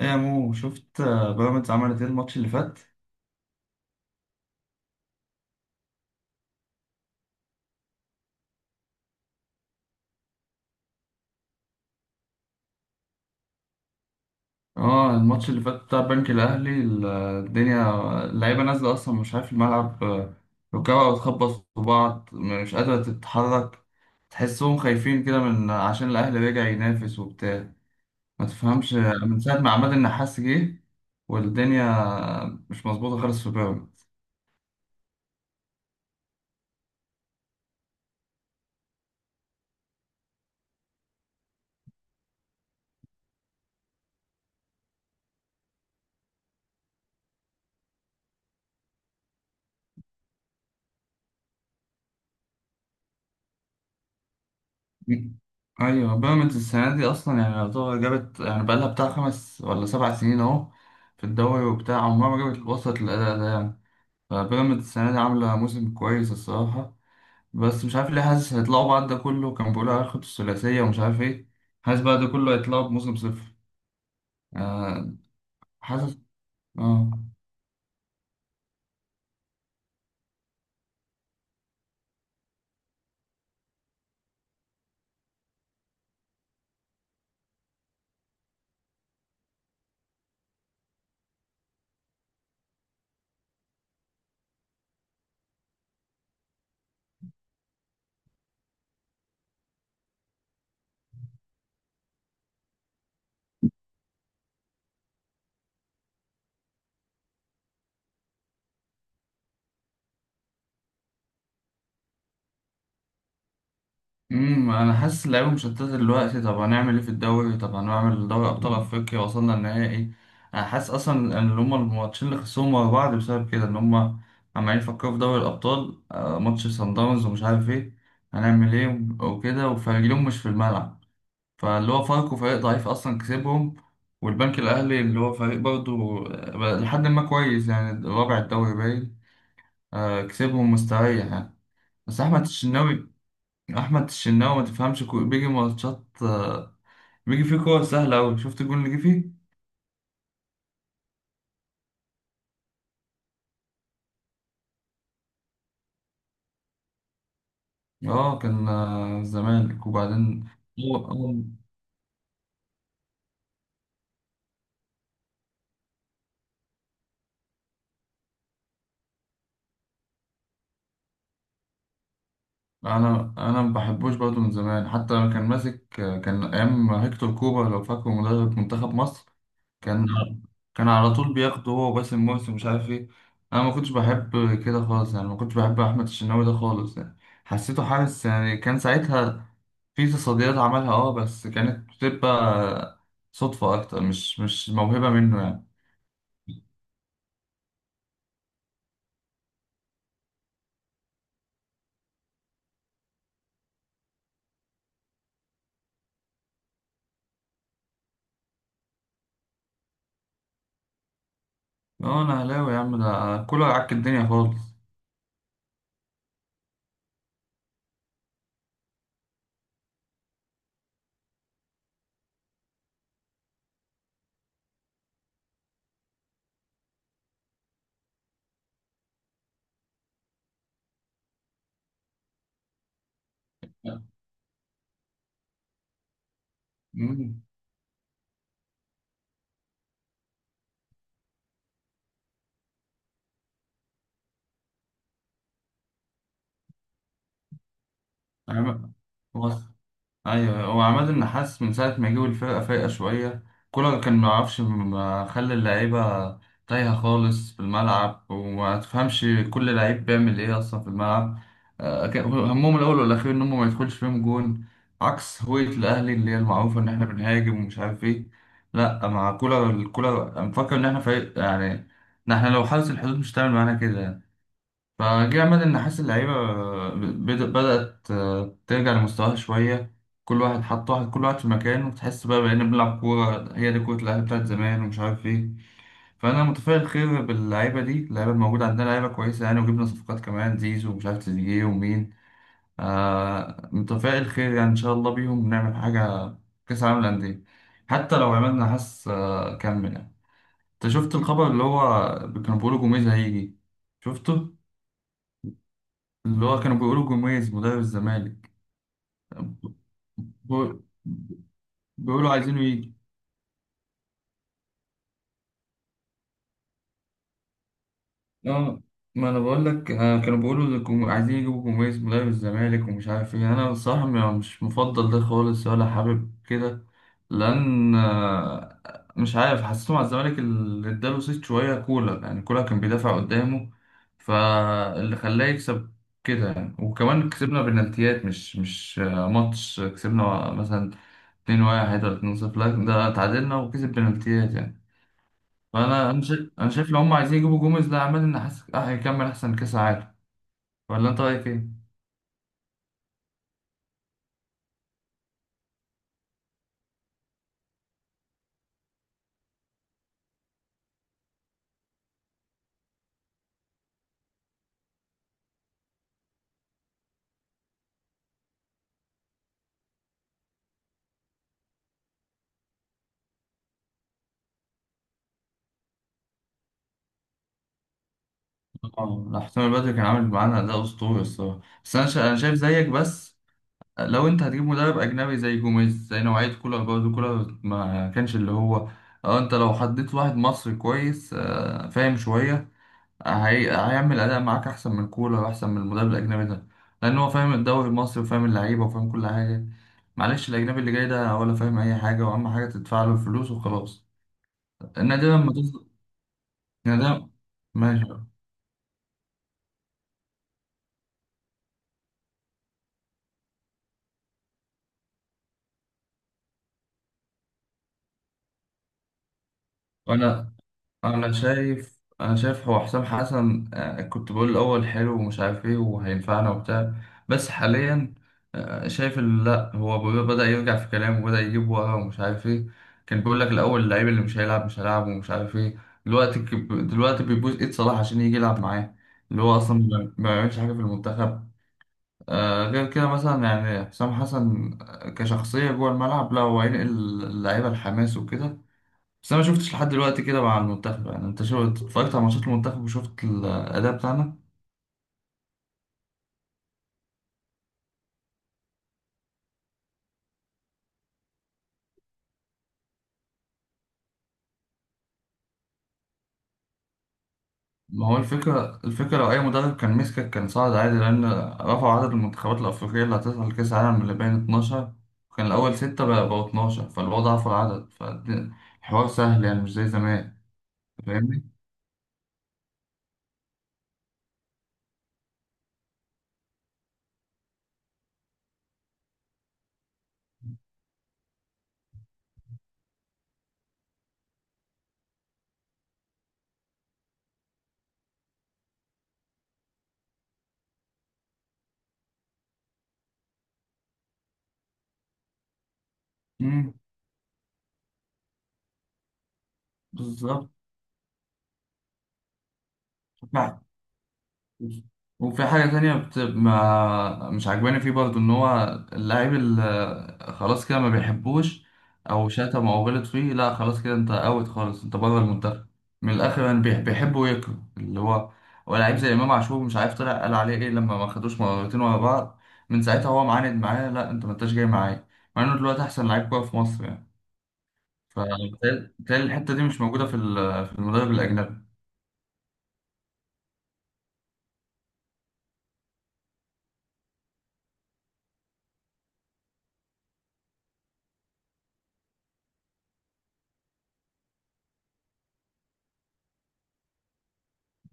ايه يا مو شفت، بيراميدز عملت ايه الماتش اللي فات؟ اه، الماتش اللي فات بتاع البنك الاهلي الدنيا. اللعيبه نازله اصلا مش عارف الملعب، ركبها بتخبط في بعض، مش قادره تتحرك. تحسهم خايفين كده من عشان الاهلي رجع ينافس وبتاع. ما تفهمش، من ساعه ما عماد النحاس جه والدنيا مش مظبوطه خالص في بيراميدز. ايوه، بيراميدز السنه دي اصلا يعني يعتبر جابت، يعني بقالها بتاع 5 ولا 7 سنين اهو في الدوري وبتاع، عمرها ما جابت وصلت للاداء ده يعني. فبيراميدز السنه دي عامله موسم كويس الصراحه. بس مش عارف ليه، حاسس هيطلعوا بعد ده كله، كان بيقولوا هياخدوا الثلاثيه ومش عارف ايه. حاسس بعد ده كله هيطلعوا بموسم صفر. آه. حاسس. اه. انا حاسس اللعيبه مشتته دلوقتي. طب هنعمل ايه في الدوري؟ طب هنعمل دوري ابطال افريقيا، وصلنا النهائي. انا حاسس اصلا ان هما الماتشين اللي خسروهم ورا بعض بسبب كده، ان هما عمالين يفكروا في دوري الابطال، ماتش سان داونز ومش عارف ايه، هنعمل ايه وكده، وفريقهم مش في الملعب. فاللي هو فاركو فريق ضعيف اصلا كسبهم. والبنك الاهلي اللي هو فريق برضه لحد ما كويس، يعني رابع الدوري باين، كسبهم مستريح يعني. بس احمد الشناوي ما تفهمش، بيجي ماتشات، بيجي فيه كور سهله قوي. شفت الجون اللي جه فيه. اه، كان الزمالك وبعدين. هو هو- انا ما بحبوش برضه من زمان، حتى لما كان ماسك كان ايام هيكتور كوبا، لو فاكره مدرب منتخب مصر. كان كان على طول بياخده هو وباسم مرسي ومش عارف ايه. انا ما كنتش بحب كده خالص يعني، ما كنتش بحب احمد الشناوي ده خالص يعني. حسيته حارس يعني، كان ساعتها في تصديات عملها اه، بس كانت بتبقى صدفة أكتر، مش موهبة منه يعني. اه، أنا أهلاوي يا عم، ده كله يعك الدنيا خالص. مم. عم- هو ايوه، هو عماد النحاس من ساعه ما جه الفرقه فايقه شويه. كولر كان ما يعرفش، ما خلى اللعيبه تايهه خالص في الملعب، وما تفهمش كل لعيب بيعمل ايه اصلا في الملعب. كان همهم الاول والاخير ان هم ما يدخلش فيهم جون، عكس هوية الاهلي اللي هي المعروفه ان احنا بنهاجم ومش عارف ايه. لا، مع الكولر أنا مفكر ان احنا فريق يعني، ان احنا لو حرس الحدود مش هتعمل معانا كده. فجه أمل، إن حاسس اللعيبة بدأت ترجع لمستواها شوية. كل واحد حط واحد، كل واحد في مكانه، وتحس بقى بقينا بنلعب كورة، هي دي كورة الأهلي بتاعت زمان ومش عارف إيه. فأنا متفائل خير باللعيبة دي، اللعيبة الموجودة عندنا لعيبة كويسة يعني، وجبنا صفقات كمان، زيزو ومش عارف تريزيجيه ومين. متفائل خير يعني، إن شاء الله بيهم نعمل حاجة في كأس العالم للأندية. حتى لو عملنا حس، كمل يعني. أنت شفت الخبر اللي هو كانوا بيقولوا جوميز هيجي؟ شفته؟ اللي هو كانوا بيقولوا جوميز مدرب الزمالك. بيقول- بيقولوا عايزينه يجي. اه، ما انا بقول لك، كانوا بيقولوا إن عايزين يجيبوا جوميز مدرب الزمالك ومش عارف ايه. انا بصراحة مش مفضل ده خالص ولا حابب كده. لان مش عارف، حسيته مع الزمالك اللي اداله صيت شوية كولر، يعني كولر كان بيدافع قدامه. فاللي خلاه يكسب كده يعني، وكمان كسبنا بنالتيات. مش ماتش كسبنا مثلا 2-1 ولا 2-0، لا ده اتعادلنا وكسب بنالتيات يعني. فانا انا شايف انا شايف لو هم عايزين يجيبوا جوميز، ده عماد النحاس هيكمل احسن كاس عالم. ولا انت رايك ايه؟ اه، لا، حسام البدري كان عامل معانا اداء اسطوري الصراحه. بس انا شايف زيك بس. لو انت هتجيب مدرب اجنبي زي جوميز، زي نوعيه كولر برضه، كولر ما كانش اللي هو. اه، انت لو حطيت واحد مصري كويس، فاهم شويه. هيعمل أداء معاك أحسن من كولر وأحسن من المدرب الأجنبي ده. لأن هو فاهم الدوري المصري وفاهم اللعيبة وفاهم كل حاجة. معلش الأجنبي اللي جاي ده ولا فاهم أي حاجة، وأهم حاجة تدفع له الفلوس وخلاص. النادي لما تصدر. النادي، ماشي. أنا انا شايف انا شايف هو حسام حسن، كنت بقول الاول حلو ومش عارف ايه وهينفعنا وبتاع. بس حاليا شايف لا هو بدأ يرجع في كلامه، وبدأ يجيب ورا ومش عارف ايه. كان بيقول لك الاول، اللعيب اللي مش هيلعب مش هيلعب ومش عارف ايه. دلوقتي بيبوظ ايد صلاح عشان يجي يلعب معاه. اللي هو اصلا ما بيعملش حاجه في المنتخب. غير كده مثلا يعني حسام حسن، كشخصيه جوه الملعب، لا هو هينقل اللعيبه الحماس وكده. بس انا ما شفتش لحد دلوقتي كده مع المنتخب يعني، انت شفت اتفرجت على ماتشات المنتخب وشفت الاداء بتاعنا. ما هو الفكره لو اي مدرب كان مسكك كان صعد عادي، لان رفعوا عدد المنتخبات الافريقيه اللي هتصل لكاس العالم اللي بين 12، وكان الاول 6، بقى بقوا 12، فالوضع ضعف العدد، فالحوار سهل يعني مش زي زمان. فاهمني. امم. بالظبط. وفي حاجة تانية بت... ما مش عجباني فيه برضه، إن هو اللاعب اللي خلاص كده ما بيحبوش، أو شتم أو غلط فيه، لا خلاص كده، أنت أوت خالص، أنت بره المنتخب. من الآخر يعني بيحب ويكره، اللي هو لعيب زي إمام عاشور، مش عارف طلع قال عليه إيه لما ما خدوش مرتين ورا بعض. من ساعتها هو معاند معايا، لا أنت ما أنتش جاي معايا، مع إنه دلوقتي أحسن لعيب كورة في مصر يعني. فبالتالي الحتة دي مش موجودة في في المدرب الأجنبي.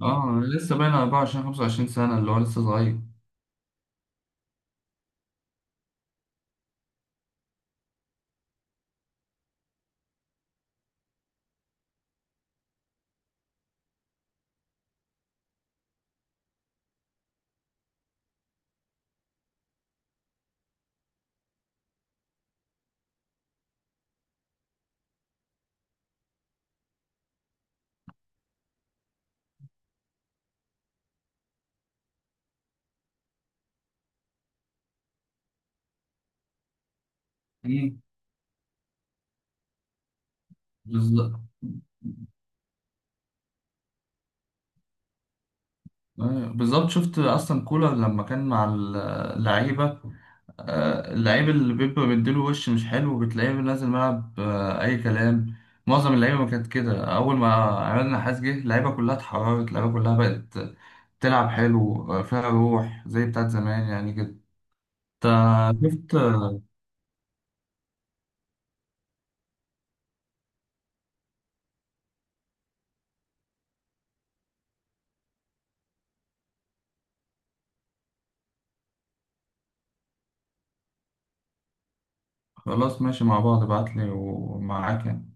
اه، لسه باين 24 25 سنة، اللي هو لسه صغير. مم. بالظبط. بالظبط، شفت اصلا كولر لما كان مع اللعيبه، اللعيب اللي بيبقى مديله وش مش حلو، بتلاقيه نازل ملعب اي كلام. معظم اللعيبه ما كانت كده. اول ما عماد النحاس جه، اللعيبه كلها اتحررت، اللعيبه كلها بقت تلعب حلو، فيها روح زي بتاعت زمان يعني كده. انت شفت. خلاص ماشي، مع بعض ابعتلي ومعاك يعني.